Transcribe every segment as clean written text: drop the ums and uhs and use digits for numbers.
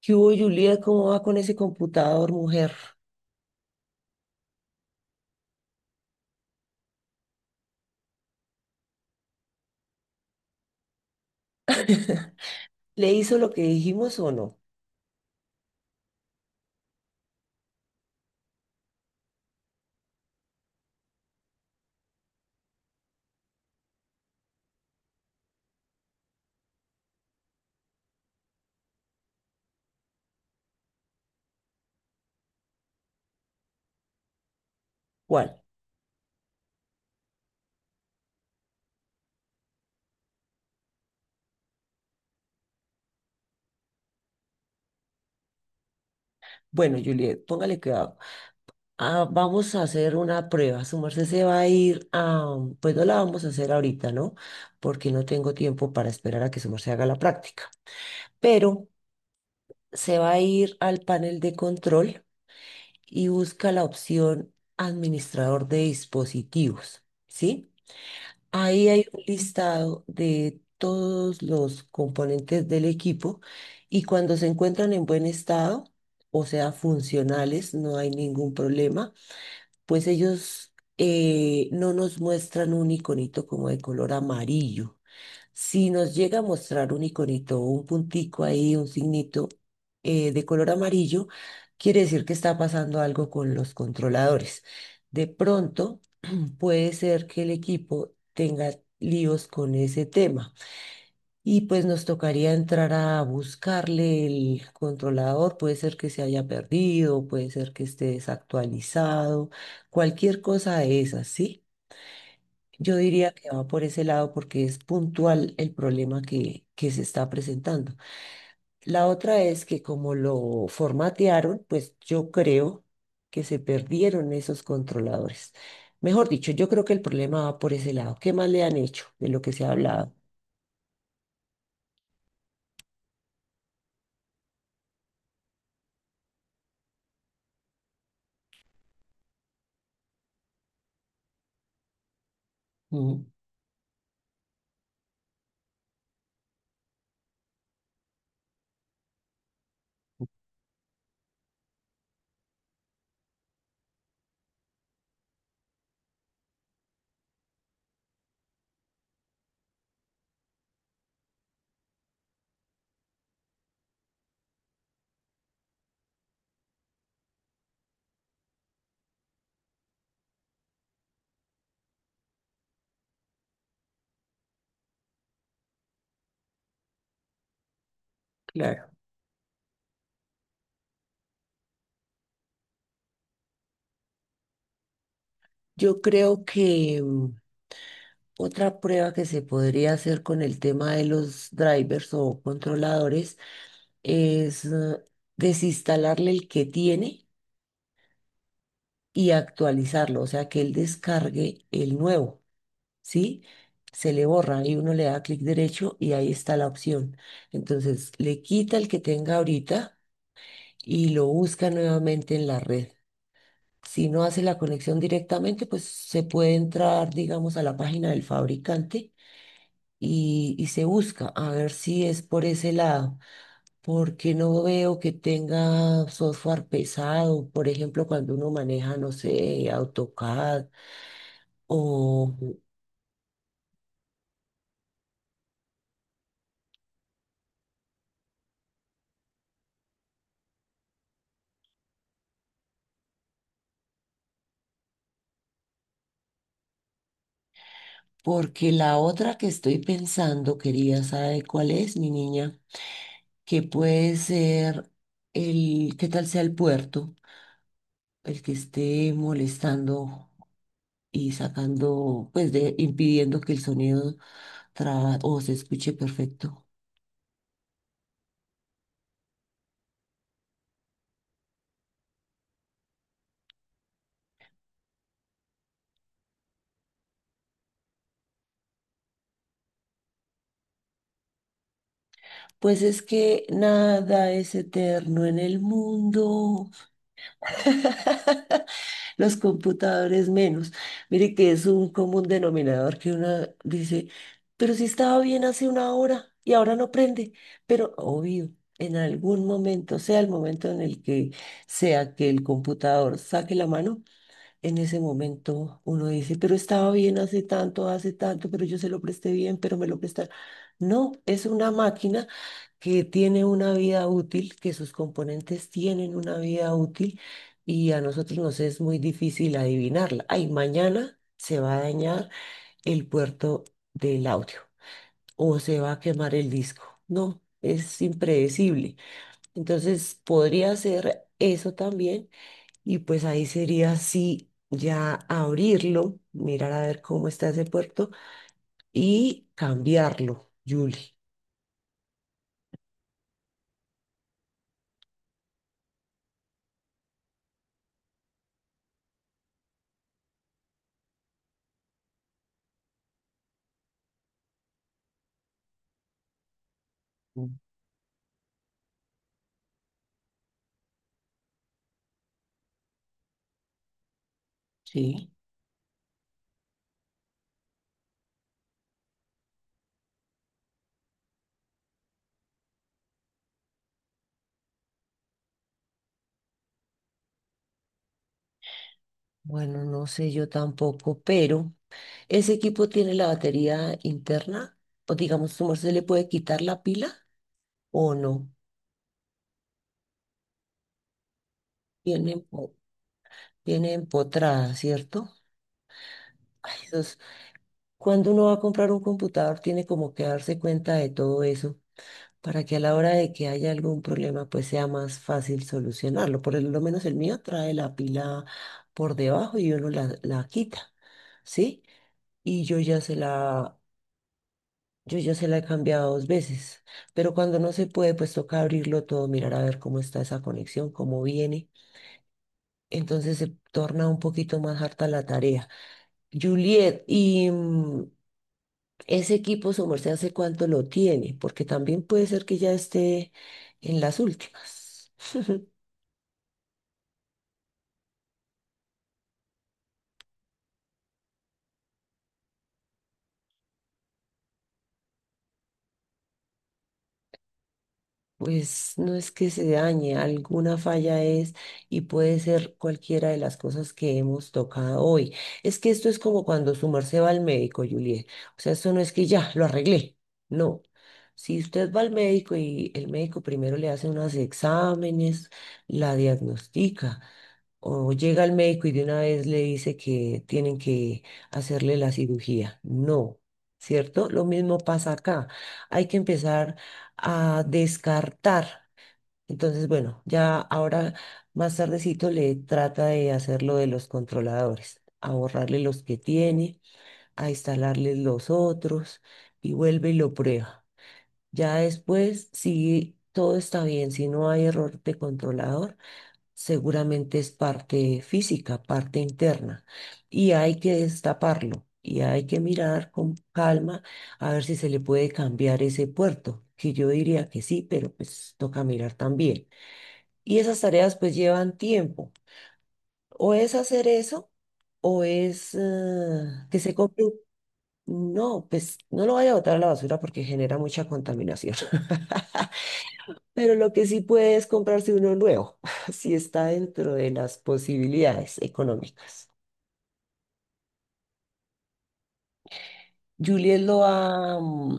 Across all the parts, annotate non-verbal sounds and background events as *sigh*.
¿Qué hubo, Juliet? ¿Cómo va con ese computador, mujer? *laughs* ¿Le hizo lo que dijimos o no? ¿Cuál? Bueno, Juliet, póngale cuidado. Ah, vamos a hacer una prueba. Su merced se va a ir a... Pues no la vamos a hacer ahorita, ¿no? Porque no tengo tiempo para esperar a que su merced haga la práctica. Pero se va a ir al panel de control y busca la opción administrador de dispositivos, ¿sí? Ahí hay un listado de todos los componentes del equipo y cuando se encuentran en buen estado, o sea, funcionales, no hay ningún problema, pues ellos no nos muestran un iconito como de color amarillo. Si nos llega a mostrar un iconito, un puntico ahí, un signito de color amarillo, quiere decir que está pasando algo con los controladores. De pronto puede ser que el equipo tenga líos con ese tema. Y pues nos tocaría entrar a buscarle el controlador, puede ser que se haya perdido, puede ser que esté desactualizado, cualquier cosa de esas, ¿sí? Yo diría que va por ese lado porque es puntual el problema que se está presentando. La otra es que como lo formatearon, pues yo creo que se perdieron esos controladores. Mejor dicho, yo creo que el problema va por ese lado. ¿Qué más le han hecho de lo que se ha hablado? Mm, claro. Yo creo que otra prueba que se podría hacer con el tema de los drivers o controladores es desinstalarle el que tiene y actualizarlo, o sea, que él descargue el nuevo. ¿Sí? Se le borra y uno le da clic derecho y ahí está la opción. Entonces, le quita el que tenga ahorita y lo busca nuevamente en la red. Si no hace la conexión directamente, pues se puede entrar, digamos, a la página del fabricante y se busca a ver si es por ese lado, porque no veo que tenga software pesado, por ejemplo, cuando uno maneja, no sé, AutoCAD. O porque la otra que estoy pensando, quería saber cuál es, mi niña? Que puede ser el, ¿qué tal sea el puerto? El que esté molestando y sacando, pues de, impidiendo que el sonido o se escuche perfecto. Pues es que nada es eterno en el mundo. *laughs* Los computadores menos. Mire que es un común denominador que una dice, pero si estaba bien hace una hora y ahora no prende. Pero obvio, en algún momento, sea el momento en el que sea que el computador saque la mano, en ese momento uno dice, pero estaba bien hace tanto, pero yo se lo presté bien, pero me lo prestaron. No, es una máquina que tiene una vida útil, que sus componentes tienen una vida útil y a nosotros nos es muy difícil adivinarla. Ay, mañana se va a dañar el puerto del audio o se va a quemar el disco. No, es impredecible. Entonces podría ser eso también y pues ahí sería sí. Ya abrirlo, mirar a ver cómo está ese puerto y cambiarlo, Julie. Mm. Sí. Bueno, no sé, yo tampoco, pero ¿ese equipo tiene la batería interna? O digamos, ¿cómo se le puede quitar la pila o no? Tiene, tiene empotrada, ¿cierto? Ay, Dios, cuando uno va a comprar un computador, tiene como que darse cuenta de todo eso para que a la hora de que haya algún problema, pues sea más fácil solucionarlo. Por lo menos el mío trae la pila por debajo y uno la quita, ¿sí? Y yo ya se la... Yo ya se la he cambiado 2 veces, pero cuando no se puede, pues toca abrirlo todo, mirar a ver cómo está esa conexión, cómo viene. Entonces se torna un poquito más harta la tarea. Juliet, ¿y ese equipo su merced hace cuánto lo tiene? Porque también puede ser que ya esté en las últimas. *laughs* Pues no es que se dañe, alguna falla es y puede ser cualquiera de las cosas que hemos tocado hoy. Es que esto es como cuando su merced va al médico, Juliet. O sea, esto no es que ya lo arreglé. No. Si usted va al médico y el médico primero le hace unos exámenes, la diagnostica, o llega al médico y de una vez le dice que tienen que hacerle la cirugía. No. ¿Cierto? Lo mismo pasa acá. Hay que empezar a descartar. Entonces, bueno, ya ahora más tardecito le trata de hacer lo de los controladores, a borrarle los que tiene, a instalarles los otros y vuelve y lo prueba. Ya después, si todo está bien, si no hay error de controlador, seguramente es parte física, parte interna, y hay que destaparlo y hay que mirar con calma a ver si se le puede cambiar ese puerto, que yo diría que sí, pero pues toca mirar también. Y esas tareas pues llevan tiempo, o es hacer eso, o es que se compre. No, pues no lo vaya a botar a la basura porque genera mucha contaminación. *laughs* Pero lo que sí puede es comprarse uno nuevo, *laughs* si está dentro de las posibilidades económicas. Juliet lo va, mm,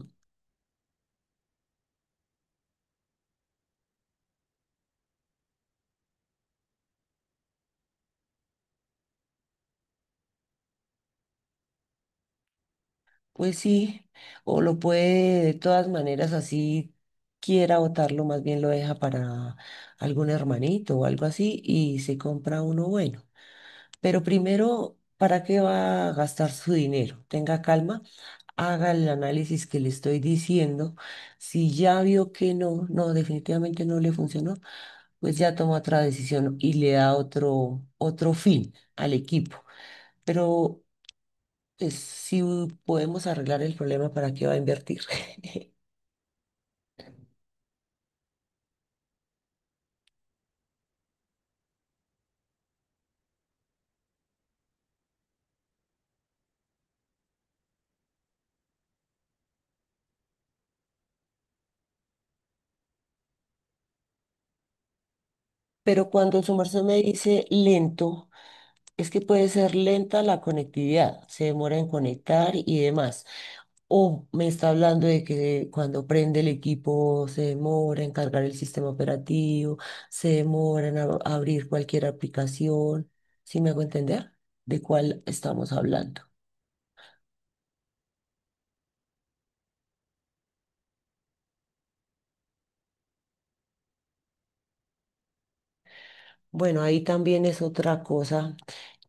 pues sí, o lo puede de todas maneras, así quiera botarlo, más bien lo deja para algún hermanito o algo así y se compra uno bueno. Pero primero, ¿para qué va a gastar su dinero? Tenga calma, haga el análisis que le estoy diciendo. Si ya vio que no, no, definitivamente no le funcionó, pues ya toma otra decisión y le da otro, otro fin al equipo. Pero pues, si podemos arreglar el problema, ¿para qué va a invertir? *laughs* Pero cuando su merced me dice lento, es que puede ser lenta la conectividad, se demora en conectar y demás. O me está hablando de que cuando prende el equipo se demora en cargar el sistema operativo, se demora en abrir cualquier aplicación. ¿Sí me hago entender? ¿De cuál estamos hablando? Bueno, ahí también es otra cosa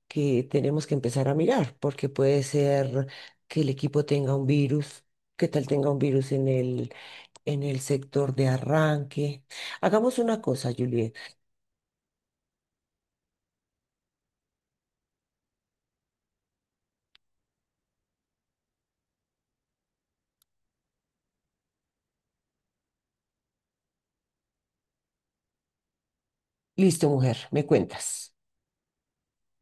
que tenemos que empezar a mirar, porque puede ser que el equipo tenga un virus, que tal tenga un virus en el sector de arranque. Hagamos una cosa, Juliet. Listo, mujer, me cuentas.